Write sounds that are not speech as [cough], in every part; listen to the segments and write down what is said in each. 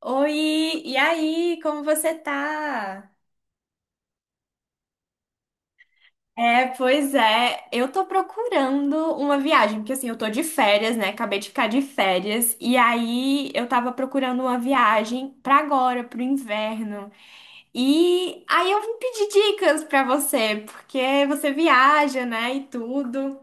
Oi, e aí, como você tá? É, pois é. Eu tô procurando uma viagem, porque assim, eu tô de férias, né? Acabei de ficar de férias. E aí eu tava procurando uma viagem pra agora, pro inverno. E aí eu vim pedir dicas pra você, porque você viaja, né? E tudo.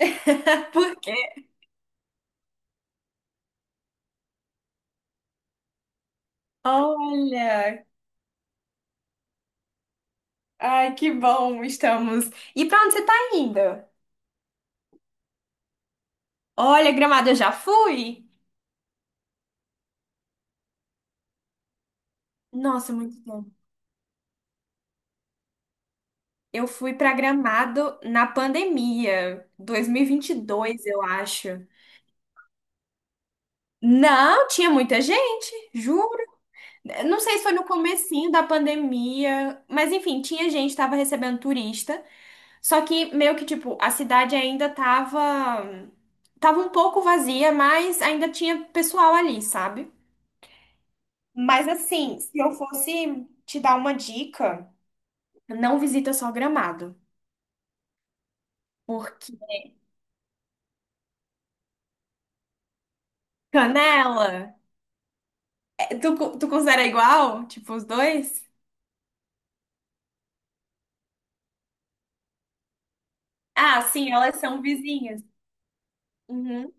[laughs] Porque, olha, ai, que bom estamos. E pra onde você tá indo? Olha, Gramado, eu já fui. Nossa, muito tempo. Eu fui pra Gramado na pandemia, dois mil e vinte e dois, eu acho. Não, tinha muita gente, juro. Não sei se foi no comecinho da pandemia, mas enfim, tinha gente, tava recebendo turista. Só que meio que tipo, a cidade ainda tava um pouco vazia, mas ainda tinha pessoal ali, sabe? Mas assim, se eu fosse te dar uma dica, não visita só Gramado, porque Canela. Tu considera igual? Tipo, os dois? Ah, sim, elas são vizinhas. Uhum.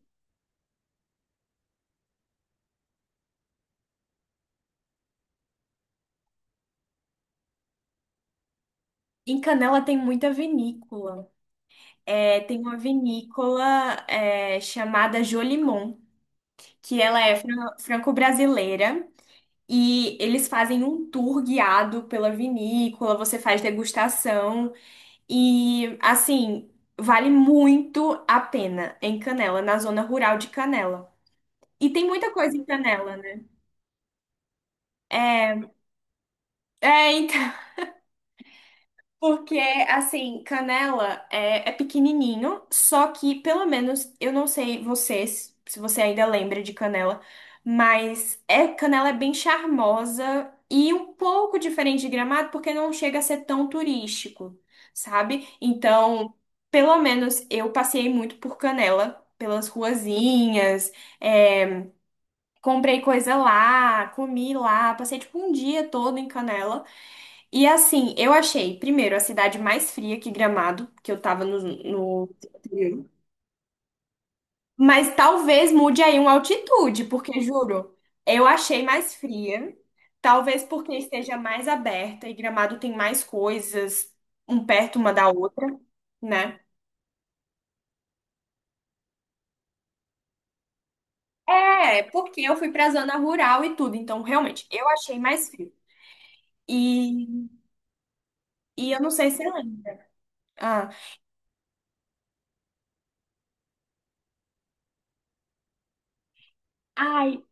Em Canela tem muita vinícola. É, tem uma vinícola é, chamada Jolimon, que ela é franco-brasileira. E eles fazem um tour guiado pela vinícola, você faz degustação. E, assim, vale muito a pena em Canela, na zona rural de Canela. E tem muita coisa em Canela, né? É, é, então. Porque, assim, canela é, é pequenininho, só que, pelo menos, eu não sei vocês, se você ainda lembra de canela, mas é, canela é bem charmosa e um pouco diferente de Gramado, porque não chega a ser tão turístico, sabe? Então, pelo menos, eu passei muito por Canela, pelas ruazinhas, é, comprei coisa lá, comi lá, passei, tipo, um dia todo em Canela. E assim, eu achei, primeiro, a cidade mais fria que Gramado, que eu tava no, no... Mas talvez mude aí uma altitude, porque juro, eu achei mais fria. Talvez porque esteja mais aberta e Gramado tem mais coisas um perto uma da outra, né? É, porque eu fui pra zona rural e tudo, então realmente eu achei mais frio. E, e eu não sei se você lembra. Ah, ai,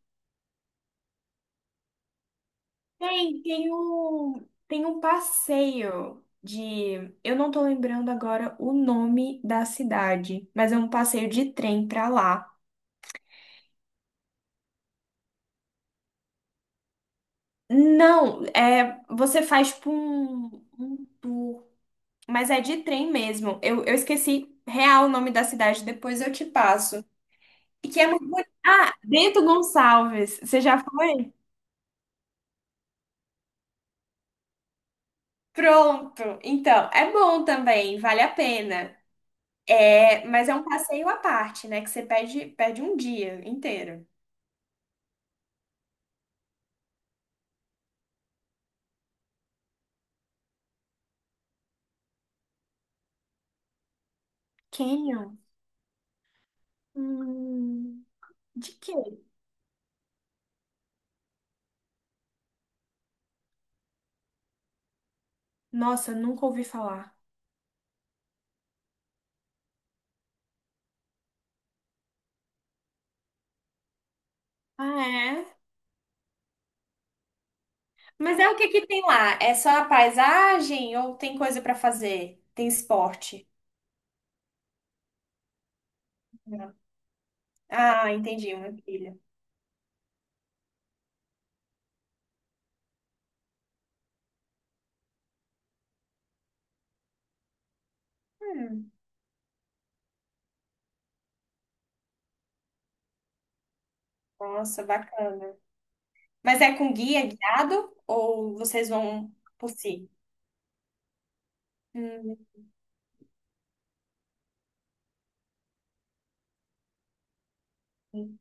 tem, tem um passeio de... Eu não tô lembrando agora o nome da cidade, mas é um passeio de trem pra lá. Não, é, você faz tipo um, um tour, mas é de trem mesmo. Eu esqueci real o nome da cidade, depois eu te passo. E que é muito bonito. Ah, Bento Gonçalves, você já foi? Pronto, então, é bom também, vale a pena. É, mas é um passeio à parte, né? Que você perde, perde um dia inteiro. Canyon? Hum, de quê? Nossa, nunca ouvi falar. Ah, é? Mas é o que que tem lá? É só a paisagem ou tem coisa pra fazer? Tem esporte? Não. Ah, entendi, uma trilha. Hum, nossa, bacana. Mas é com guia, guiado ou vocês vão por si? Hum.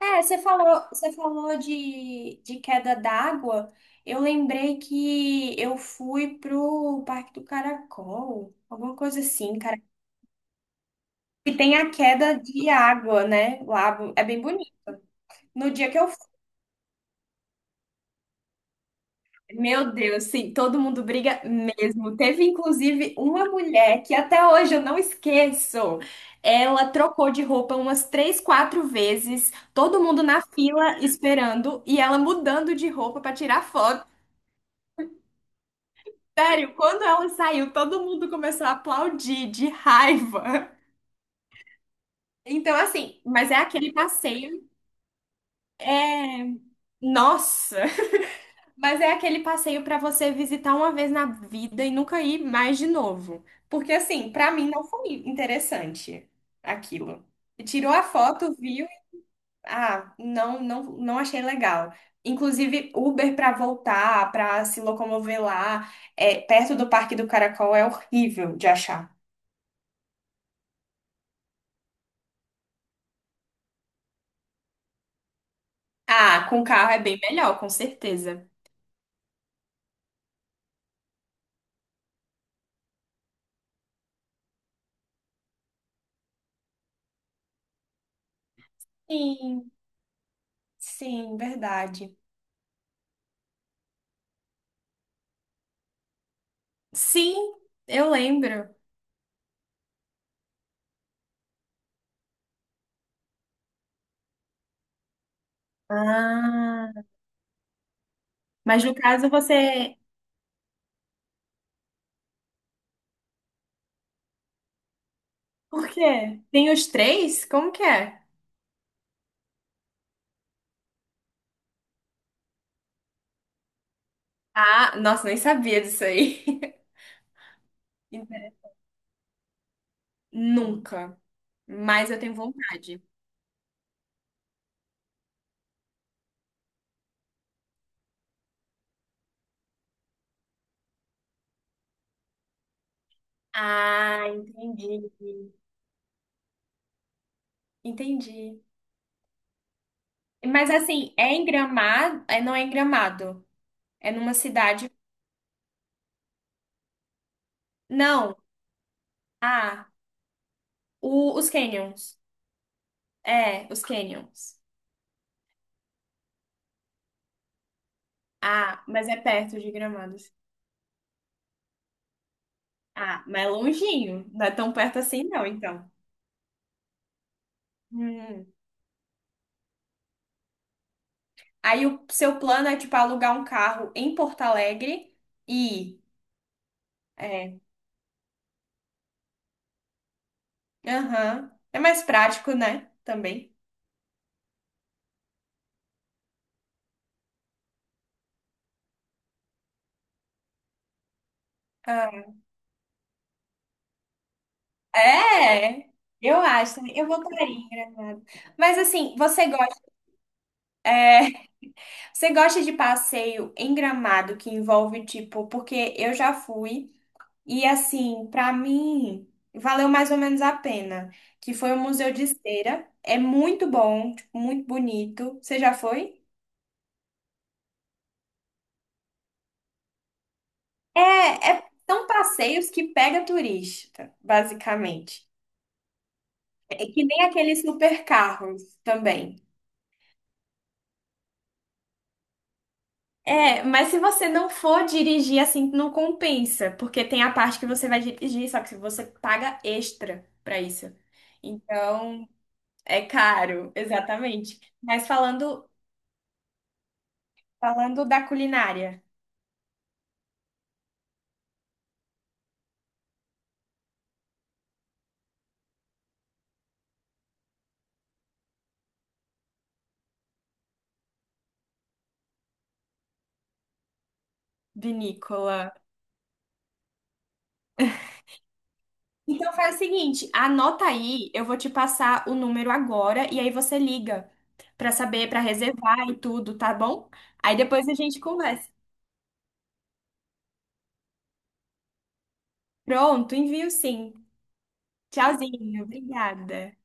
É, você falou de queda d'água. Eu lembrei que eu fui pro Parque do Caracol, alguma coisa assim, cara. E tem a queda de água, né? Lá é bem bonito. No dia que eu fui, meu Deus, sim, todo mundo briga mesmo. Teve inclusive uma mulher que até hoje eu não esqueço. Ela trocou de roupa umas três, quatro vezes, todo mundo na fila esperando e ela mudando de roupa para tirar foto. Sério, quando ela saiu, todo mundo começou a aplaudir de raiva. Então, assim, mas é aquele passeio. Nossa! Mas é aquele passeio pra você visitar uma vez na vida e nunca ir mais de novo. Porque, assim, pra mim não foi interessante aquilo. Tirou a foto, viu? Ah, não, não, não achei legal. Inclusive, Uber pra voltar, pra se locomover lá, é, perto do Parque do Caracol, é horrível de achar. Ah, com carro é bem melhor, com certeza. Sim, sim, verdade. Sim, eu lembro. Ah, mas no caso você... Por quê? Tem os três? Como que é? Ah, nossa, nem sabia disso aí. [laughs] Nunca. Mas eu tenho vontade. Ah, entendi. Entendi. Mas assim, é em Gramado? É, não é em Gramado. É numa cidade. Não. Ah, os Canyons. É, os Canyons. Ah, mas é perto de Gramados. Ah, mas é longinho. Não é tão perto assim, não, então. Hum. Aí o seu plano é, tipo, alugar um carro em Porto Alegre e... É. Aham. É mais prático, né? Também. Ah, é! Eu acho também. Eu voltaria em Gramado. Mas assim, você gosta de passeio em Gramado que envolve, tipo, porque eu já fui. E assim, para mim, valeu mais ou menos a pena, que foi o Museu de Cera. É muito bom, tipo, muito bonito. Você já foi? É, são passeios que pega turista, basicamente. É que nem aqueles supercarros também. É, mas se você não for dirigir assim, não compensa, porque tem a parte que você vai dirigir, só que você paga extra pra isso. Então, é caro, exatamente. Mas falando, falando da culinária. Vinícola. Então faz o seguinte, anota aí, eu vou te passar o número agora e aí você liga pra saber, pra reservar e tudo, tá bom? Aí depois a gente conversa. Pronto, envio sim. Tchauzinho, obrigada.